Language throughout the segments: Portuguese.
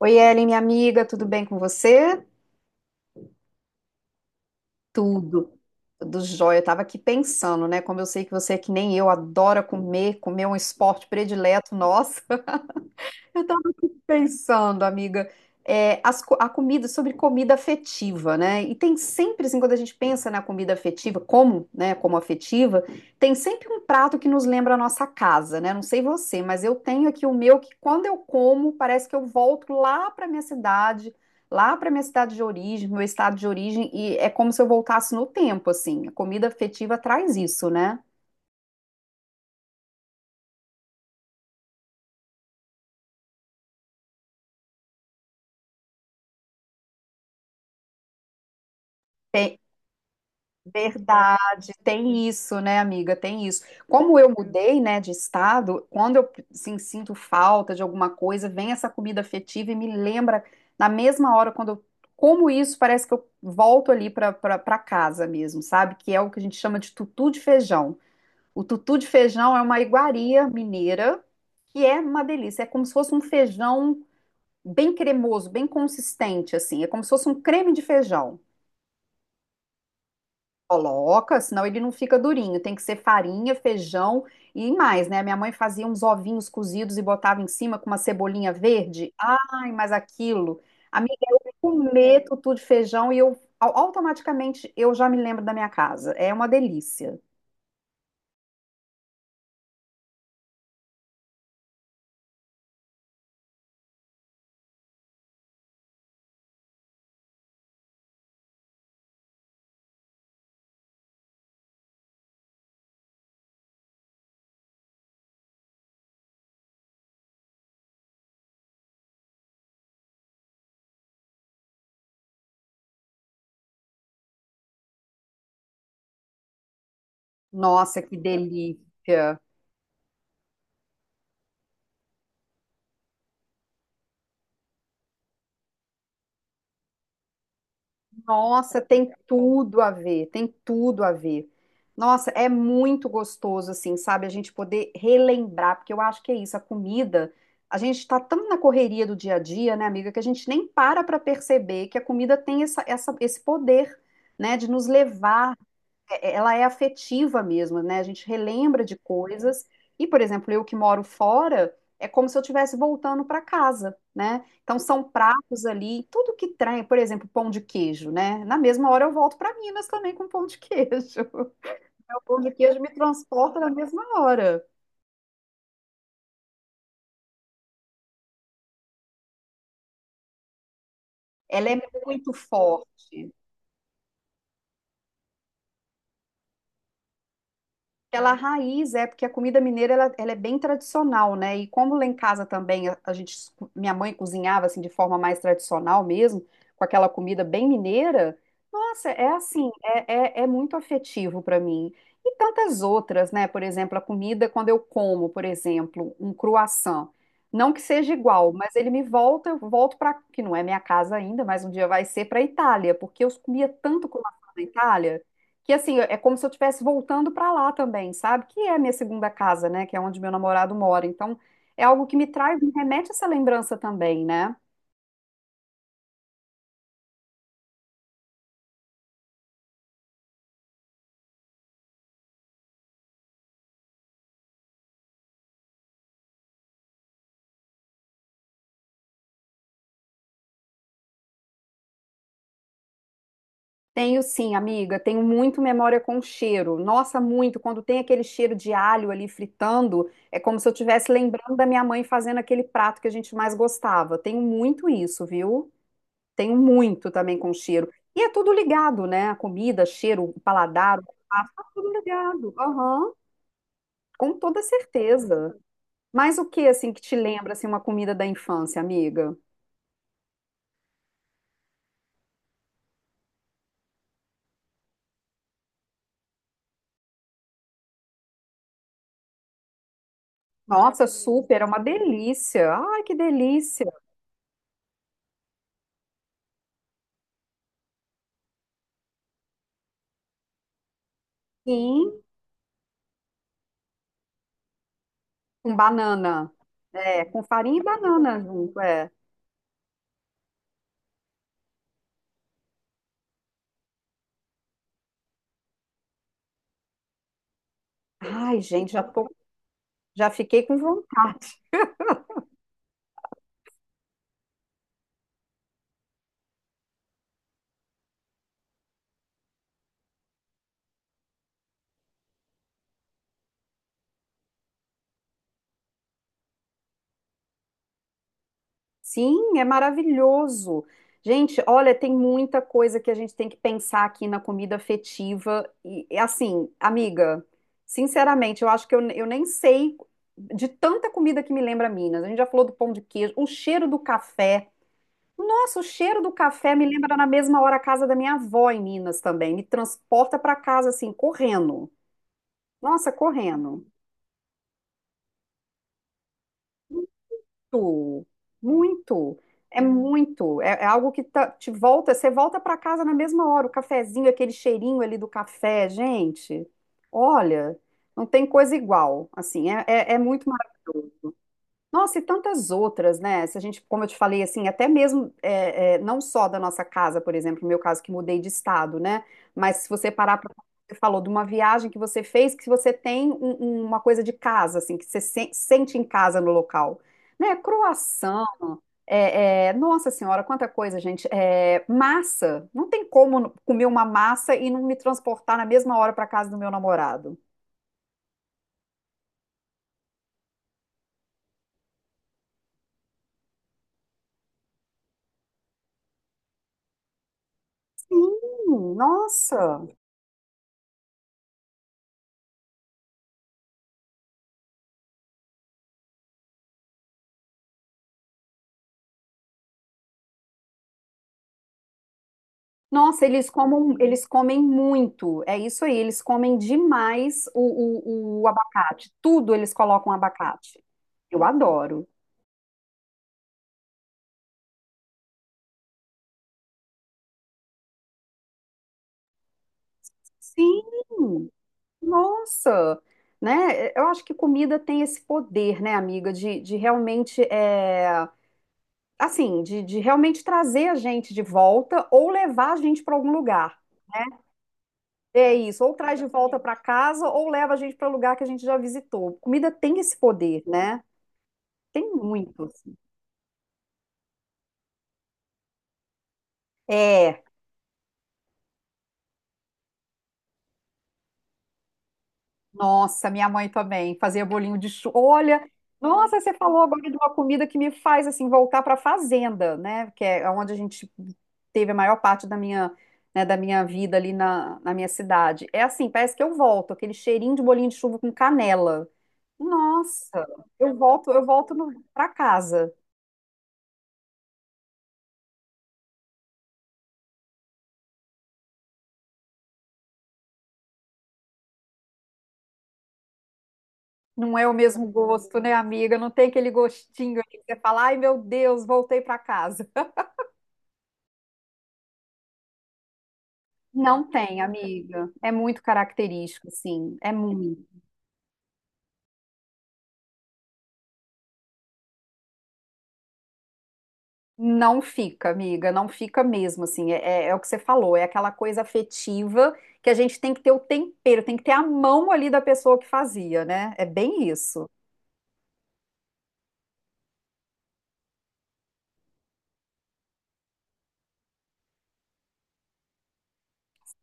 Oi, Ellen, minha amiga, tudo bem com você? Tudo, tudo jóia. Eu tava aqui pensando, né? Como eu sei que você é que nem eu, adora comer, comer é um esporte predileto nosso. Eu estava pensando, amiga, a comida, sobre comida afetiva, né? E tem sempre, assim, quando a gente pensa na comida afetiva, como, né, como afetiva, tem sempre um prato que nos lembra a nossa casa, né? Não sei você, mas eu tenho aqui o meu que quando eu como, parece que eu volto lá para minha cidade, lá para minha cidade de origem, meu estado de origem, e é como se eu voltasse no tempo, assim. A comida afetiva traz isso, né? Verdade, tem isso, né, amiga? Tem isso. Como eu mudei, né, de estado, quando eu assim, sinto falta de alguma coisa, vem essa comida afetiva e me lembra na mesma hora quando eu como isso, parece que eu volto ali para casa mesmo, sabe? Que é o que a gente chama de tutu de feijão. O tutu de feijão é uma iguaria mineira que é uma delícia. É como se fosse um feijão bem cremoso, bem consistente, assim. É como se fosse um creme de feijão. Coloca, senão ele não fica durinho. Tem que ser farinha, feijão e mais, né? Minha mãe fazia uns ovinhos cozidos e botava em cima com uma cebolinha verde. Ai, mas aquilo. Amiga, eu comer tutu de feijão e eu automaticamente eu já me lembro da minha casa. É uma delícia. Nossa, que delícia. Nossa, tem tudo a ver, tem tudo a ver. Nossa, é muito gostoso, assim, sabe? A gente poder relembrar, porque eu acho que é isso, a comida. A gente tá tão na correria do dia a dia, né, amiga, que a gente nem para para perceber que a comida tem essa, esse poder, né, de nos levar ela é afetiva mesmo, né? A gente relembra de coisas. E, por exemplo, eu que moro fora, é como se eu estivesse voltando para casa, né? Então são pratos ali, tudo que traz, por exemplo, pão de queijo, né? Na mesma hora eu volto para Minas também com pão de queijo. O pão de queijo me transporta na mesma hora. Ela é muito forte. Aquela raiz, é, porque a comida mineira ela, ela é bem tradicional, né? E como lá em casa também a gente, minha mãe cozinhava assim de forma mais tradicional mesmo, com aquela comida bem mineira, nossa, é assim, é muito afetivo para mim. E tantas outras, né? Por exemplo, a comida, quando eu como, por exemplo, um croissant, não que seja igual, mas ele me volta, eu volto para, que não é minha casa ainda, mas um dia vai ser para a Itália, porque eu comia tanto croissant na Itália que assim, é como se eu estivesse voltando para lá também, sabe? Que é a minha segunda casa, né? Que é onde meu namorado mora. Então, é algo que me traz, me remete a essa lembrança também, né? Tenho sim, amiga, tenho muito memória com cheiro. Nossa, muito. Quando tem aquele cheiro de alho ali fritando, é como se eu estivesse lembrando da minha mãe fazendo aquele prato que a gente mais gostava. Tenho muito isso, viu? Tenho muito também com cheiro. E é tudo ligado, né? A comida, cheiro, o paladar, o prato, tá tudo ligado. Aham, com toda certeza. Mas o que assim que te lembra assim uma comida da infância, amiga? Nossa, super, é uma delícia. Ai, que delícia. Sim, com banana. É, com farinha e banana junto, é. Ai, gente, já tô, já fiquei com vontade. Sim, é maravilhoso. Gente, olha, tem muita coisa que a gente tem que pensar aqui na comida afetiva. Assim, amiga, sinceramente, eu acho que eu nem sei de tanta comida que me lembra Minas. A gente já falou do pão de queijo, o cheiro do café. Nossa, o cheiro do café me lembra na mesma hora a casa da minha avó em Minas também. Me transporta para casa assim, correndo. Nossa, correndo. Muito, muito. É muito. É, é algo que te volta, você volta para casa na mesma hora. O cafezinho, aquele cheirinho ali do café, gente. Olha, não tem coisa igual. Assim, é muito maravilhoso. Nossa, e tantas outras, né? Se a gente, como eu te falei, assim, até mesmo não só da nossa casa, por exemplo, no meu caso que mudei de estado, né? Mas se você parar para você falou de uma viagem que você fez, que você tem uma coisa de casa, assim, que você sente em casa no local, né? Croação, nossa senhora, quanta coisa, gente. É, massa, não tem como comer uma massa e não me transportar na mesma hora para casa do meu namorado. Sim, nossa. Nossa, eles comem muito. É isso aí, eles comem demais o abacate. Tudo eles colocam abacate. Eu adoro. Sim, nossa, né? Eu acho que comida tem esse poder, né, amiga, de realmente, é, assim, de realmente trazer a gente de volta ou levar a gente para algum lugar. É isso, ou traz de volta para casa ou leva a gente para o lugar que a gente já visitou. Comida tem esse poder, né? Tem muito, assim. É. Nossa, minha mãe também fazia bolinho de chuva. Olha, nossa, você falou agora de uma comida que me faz assim voltar para a fazenda, né? Que é onde a gente teve a maior parte da minha, né, da minha vida ali na minha cidade. É assim, parece que eu volto, aquele cheirinho de bolinho de chuva com canela. Nossa, eu volto para casa. Não é o mesmo gosto, né, amiga? Não tem aquele gostinho ali que você fala, ai meu Deus, voltei para casa. Não tem, amiga. É muito característico, assim. É muito. Não fica, amiga, não fica mesmo, assim, é, é o que você falou, é aquela coisa afetiva que a gente tem que ter o tempero, tem que ter a mão ali da pessoa que fazia, né? É bem isso.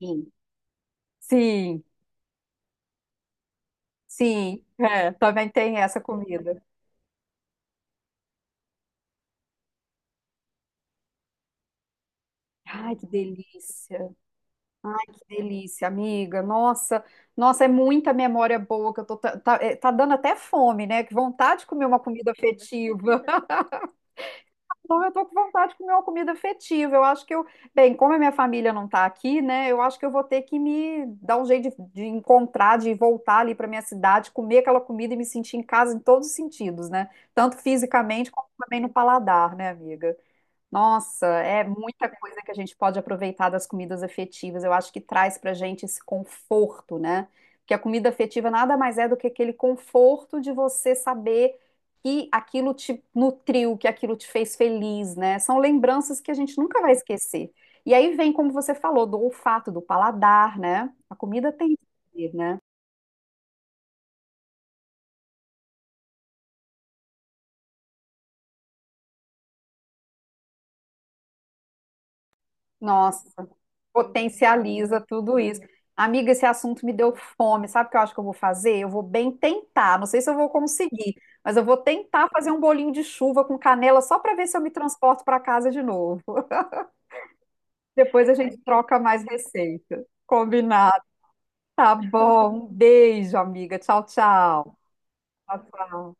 Sim. Sim, sim, é, também tem essa comida. Ai, que delícia, amiga, nossa, nossa, é muita memória boa que eu tô, tá é, tá dando até fome, né? Que vontade de comer uma comida afetiva. Não, eu tô com vontade de comer uma comida afetiva. Eu acho que eu, bem, como a minha família não tá aqui, né? Eu acho que eu vou ter que me dar um jeito de encontrar, de voltar ali pra minha cidade, comer aquela comida e me sentir em casa em todos os sentidos, né? Tanto fisicamente como também no paladar, né, amiga? Nossa, é muita coisa que a gente pode aproveitar das comidas afetivas. Eu acho que traz pra gente esse conforto, né? Porque a comida afetiva nada mais é do que aquele conforto de você saber que aquilo te nutriu, que aquilo te fez feliz, né? São lembranças que a gente nunca vai esquecer. E aí vem, como você falou, do olfato, do paladar, né? A comida tem, isso, né? Nossa, potencializa tudo isso. Amiga, esse assunto me deu fome. Sabe o que eu acho que eu vou fazer? Eu vou bem tentar. Não sei se eu vou conseguir, mas eu vou tentar fazer um bolinho de chuva com canela só para ver se eu me transporto para casa de novo. Depois a gente troca mais receita. Combinado. Tá bom. Um beijo, amiga. Tchau, tchau. Tchau, tchau.